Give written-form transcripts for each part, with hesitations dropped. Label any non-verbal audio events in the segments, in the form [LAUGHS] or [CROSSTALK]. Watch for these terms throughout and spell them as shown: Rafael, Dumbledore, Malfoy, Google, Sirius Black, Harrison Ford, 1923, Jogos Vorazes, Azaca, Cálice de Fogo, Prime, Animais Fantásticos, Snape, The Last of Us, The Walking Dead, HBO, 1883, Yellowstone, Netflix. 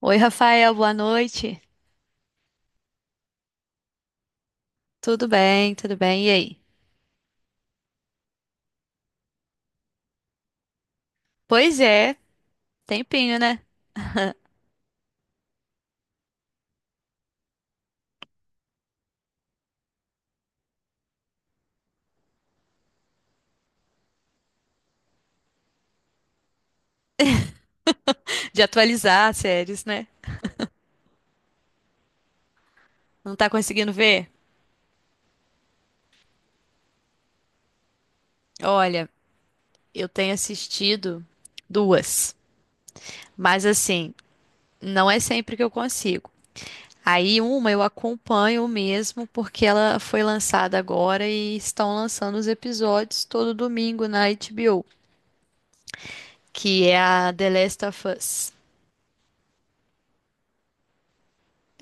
Oi, Rafael, boa noite. Tudo bem, tudo bem. E aí? Pois é, tempinho, né? [LAUGHS] De atualizar as séries, né? Não tá conseguindo ver? Olha, eu tenho assistido duas, mas assim, não é sempre que eu consigo. Aí uma eu acompanho mesmo porque ela foi lançada agora e estão lançando os episódios todo domingo na HBO, que é a The Last of Us.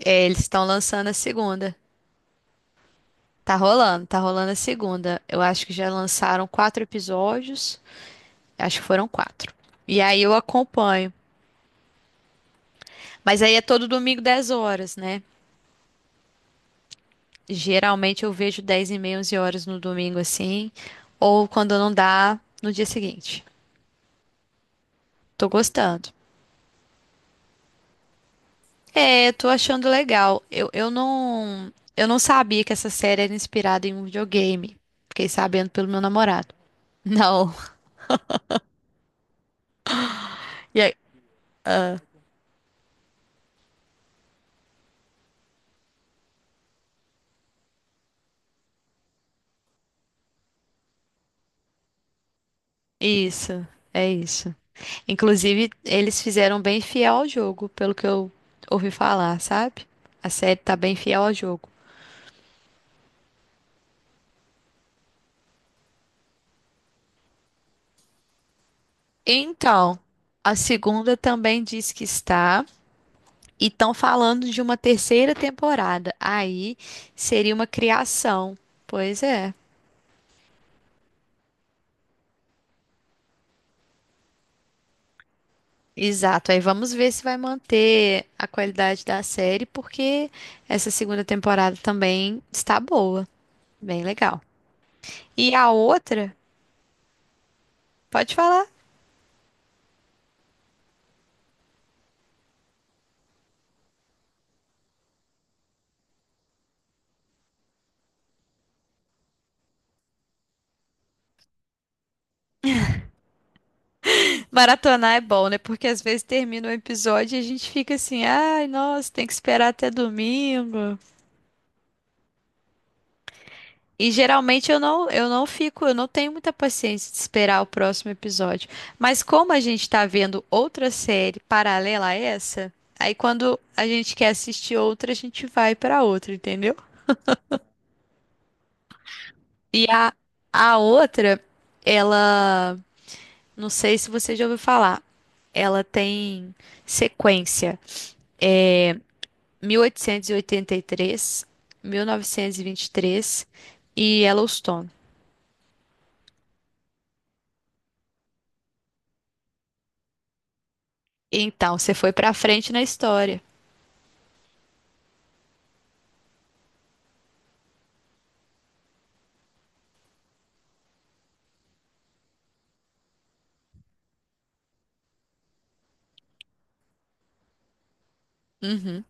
É, eles estão lançando a segunda. Tá rolando a segunda. Eu acho que já lançaram quatro episódios. Acho que foram quatro. E aí eu acompanho. Mas aí é todo domingo 10 horas, né? Geralmente eu vejo 10h30, 11 horas no domingo assim. Ou quando não dá, no dia seguinte. Tô gostando. É, tô achando legal. Eu não sabia que essa série era inspirada em um videogame. Fiquei sabendo pelo meu namorado. Não. [LAUGHS] E é, isso, é isso. Inclusive, eles fizeram bem fiel ao jogo, pelo que eu ouvi falar, sabe? A série tá bem fiel ao jogo. Então, a segunda também diz que está, e estão falando de uma terceira temporada. Aí seria uma criação. Pois é. Exato. Aí vamos ver se vai manter a qualidade da série, porque essa segunda temporada também está boa, bem legal. E a outra, pode falar. Maratonar é bom, né? Porque às vezes termina o episódio e a gente fica assim, ai, nossa, tem que esperar até domingo. E geralmente eu não tenho muita paciência de esperar o próximo episódio. Mas como a gente tá vendo outra série paralela a essa, aí quando a gente quer assistir outra, a gente vai pra outra, entendeu? E a outra, ela, não sei se você já ouviu falar, ela tem sequência. É, 1883, 1923 e oitenta e três, 1923 e Yellowstone. Então, você foi pra frente na história. Uhum.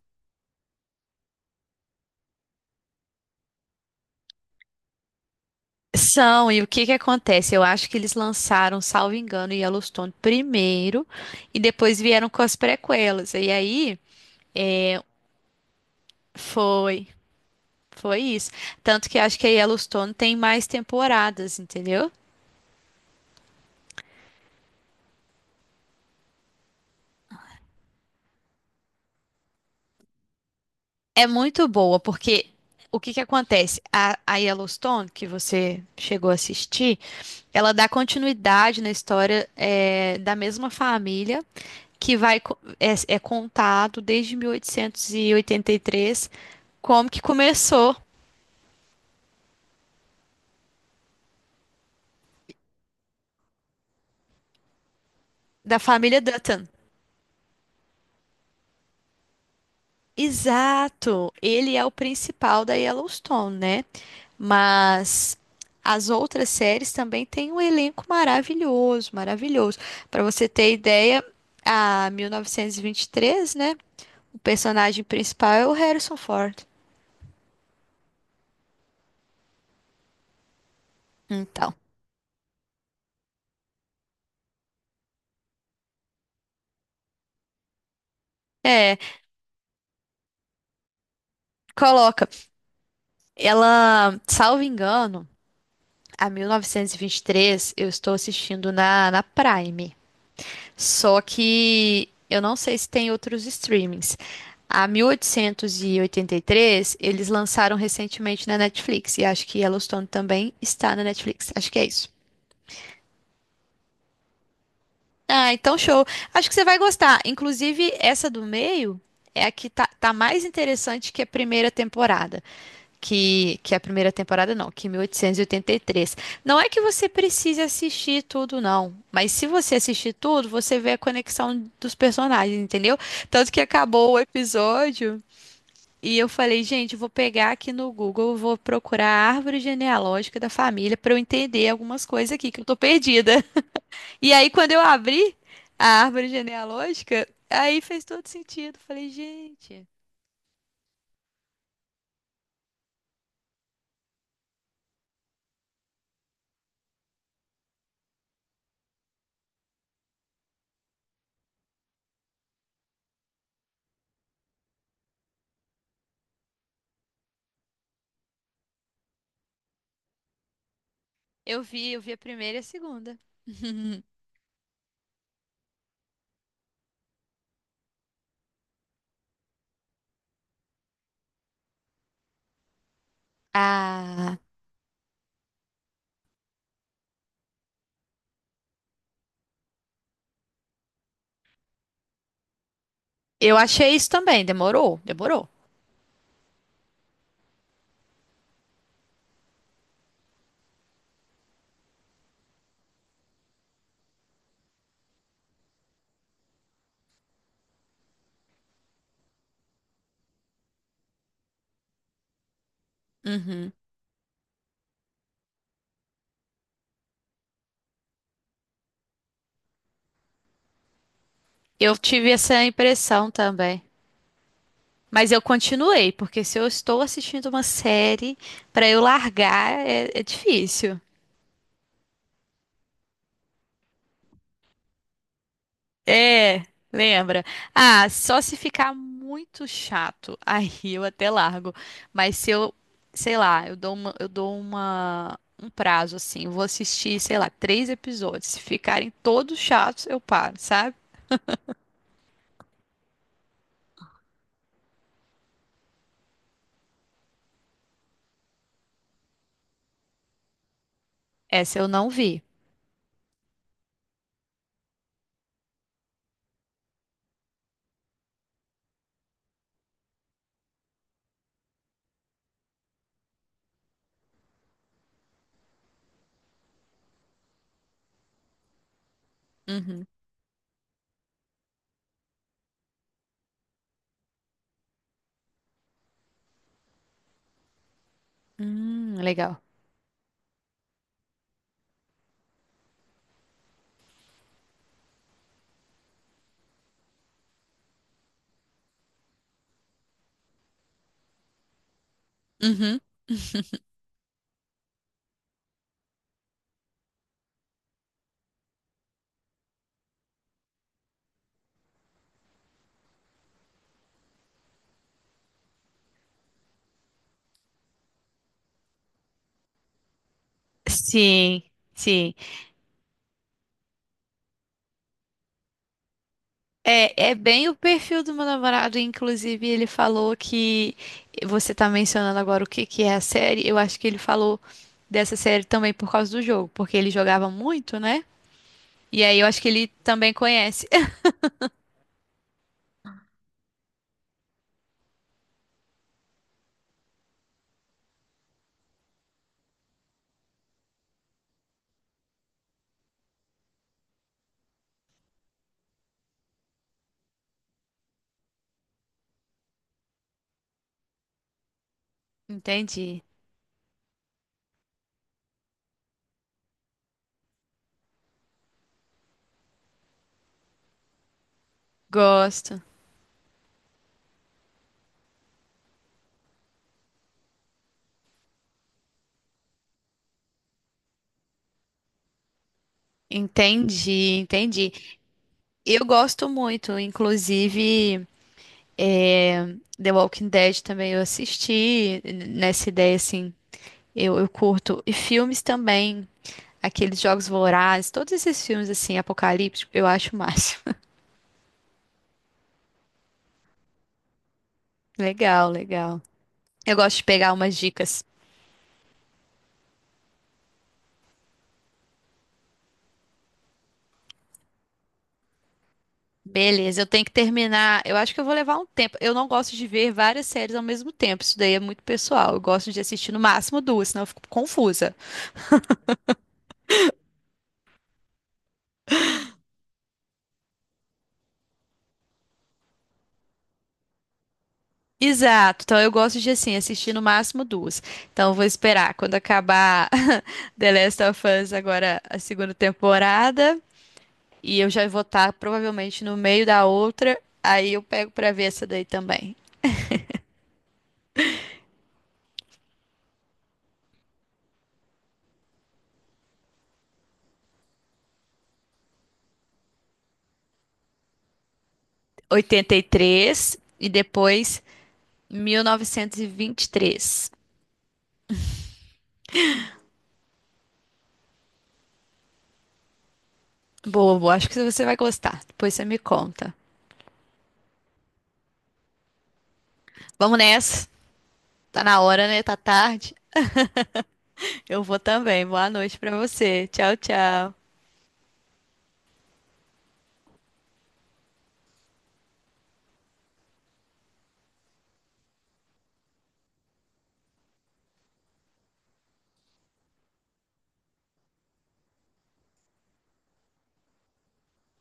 São, e o que que acontece? Eu acho que eles lançaram, salvo engano, Yellowstone primeiro e depois vieram com as prequelas. E aí foi, foi isso. Tanto que eu acho que a Yellowstone tem mais temporadas, entendeu? É muito boa, porque o que que acontece? A Yellowstone, que você chegou a assistir, ela dá continuidade na história da mesma família que é contado desde mil oitocentos e oitenta e três como que começou da família Dutton. Exato, ele é o principal da Yellowstone, né? Mas as outras séries também têm um elenco maravilhoso, maravilhoso. Para você ter ideia, a 1923, né? O personagem principal é o Harrison Ford. Então, é, coloca, ela, salvo engano, a 1923 eu estou assistindo na Prime. Só que eu não sei se tem outros streamings. A 1883, eles lançaram recentemente na Netflix. E acho que Yellowstone também está na Netflix. Acho que é isso. Ah, então show. Acho que você vai gostar. Inclusive, essa do meio é a que tá mais interessante que a primeira temporada. Que a primeira temporada, não, que 1883. Não é que você precise assistir tudo, não. Mas se você assistir tudo, você vê a conexão dos personagens, entendeu? Tanto que acabou o episódio e eu falei, gente, eu vou pegar aqui no Google, eu vou procurar a árvore genealógica da família para eu entender algumas coisas aqui que eu tô perdida. E aí, quando eu abri a árvore genealógica, aí fez todo sentido. Falei, gente, eu vi a primeira e a segunda. [LAUGHS] Ah. Eu achei isso também, demorou, demorou. Uhum. Eu tive essa impressão também. Mas eu continuei, porque se eu estou assistindo uma série, para eu largar é difícil. É, lembra? Ah, só se ficar muito chato, [LAUGHS] aí eu até largo. Mas se eu, sei lá, eu dou um prazo assim, vou assistir, sei lá, três episódios. Se ficarem todos chatos, eu paro, sabe? Essa eu não vi. Uhum. Legal. Uhum. Sim, sim. É, é bem o perfil do meu namorado. Inclusive, ele falou que você tá mencionando agora o que que é a série. Eu acho que ele falou dessa série também por causa do jogo, porque ele jogava muito, né? E aí eu acho que ele também conhece. [LAUGHS] Entendi. Gosto. Entendi, entendi. Eu gosto muito, inclusive, é, The Walking Dead também eu assisti nessa ideia assim. Eu curto. E filmes também. Aqueles Jogos Vorazes, todos esses filmes assim, apocalípticos, eu acho o máximo. [LAUGHS] Legal, legal. Eu gosto de pegar umas dicas. Beleza, eu tenho que terminar. Eu acho que eu vou levar um tempo. Eu não gosto de ver várias séries ao mesmo tempo. Isso daí é muito pessoal. Eu gosto de assistir no máximo duas, senão eu fico confusa. Exato. Então eu gosto de assim assistir no máximo duas. Então eu vou esperar quando acabar [LAUGHS] The Last of Us agora a segunda temporada e eu já vou estar provavelmente no meio da outra. Aí eu pego pra ver essa daí também. Oitenta e três e depois 1923. Boa, boa. Acho que você vai gostar. Depois você me conta. Vamos nessa. Tá na hora, né? Tá tarde. Eu vou também. Boa noite pra você. Tchau, tchau.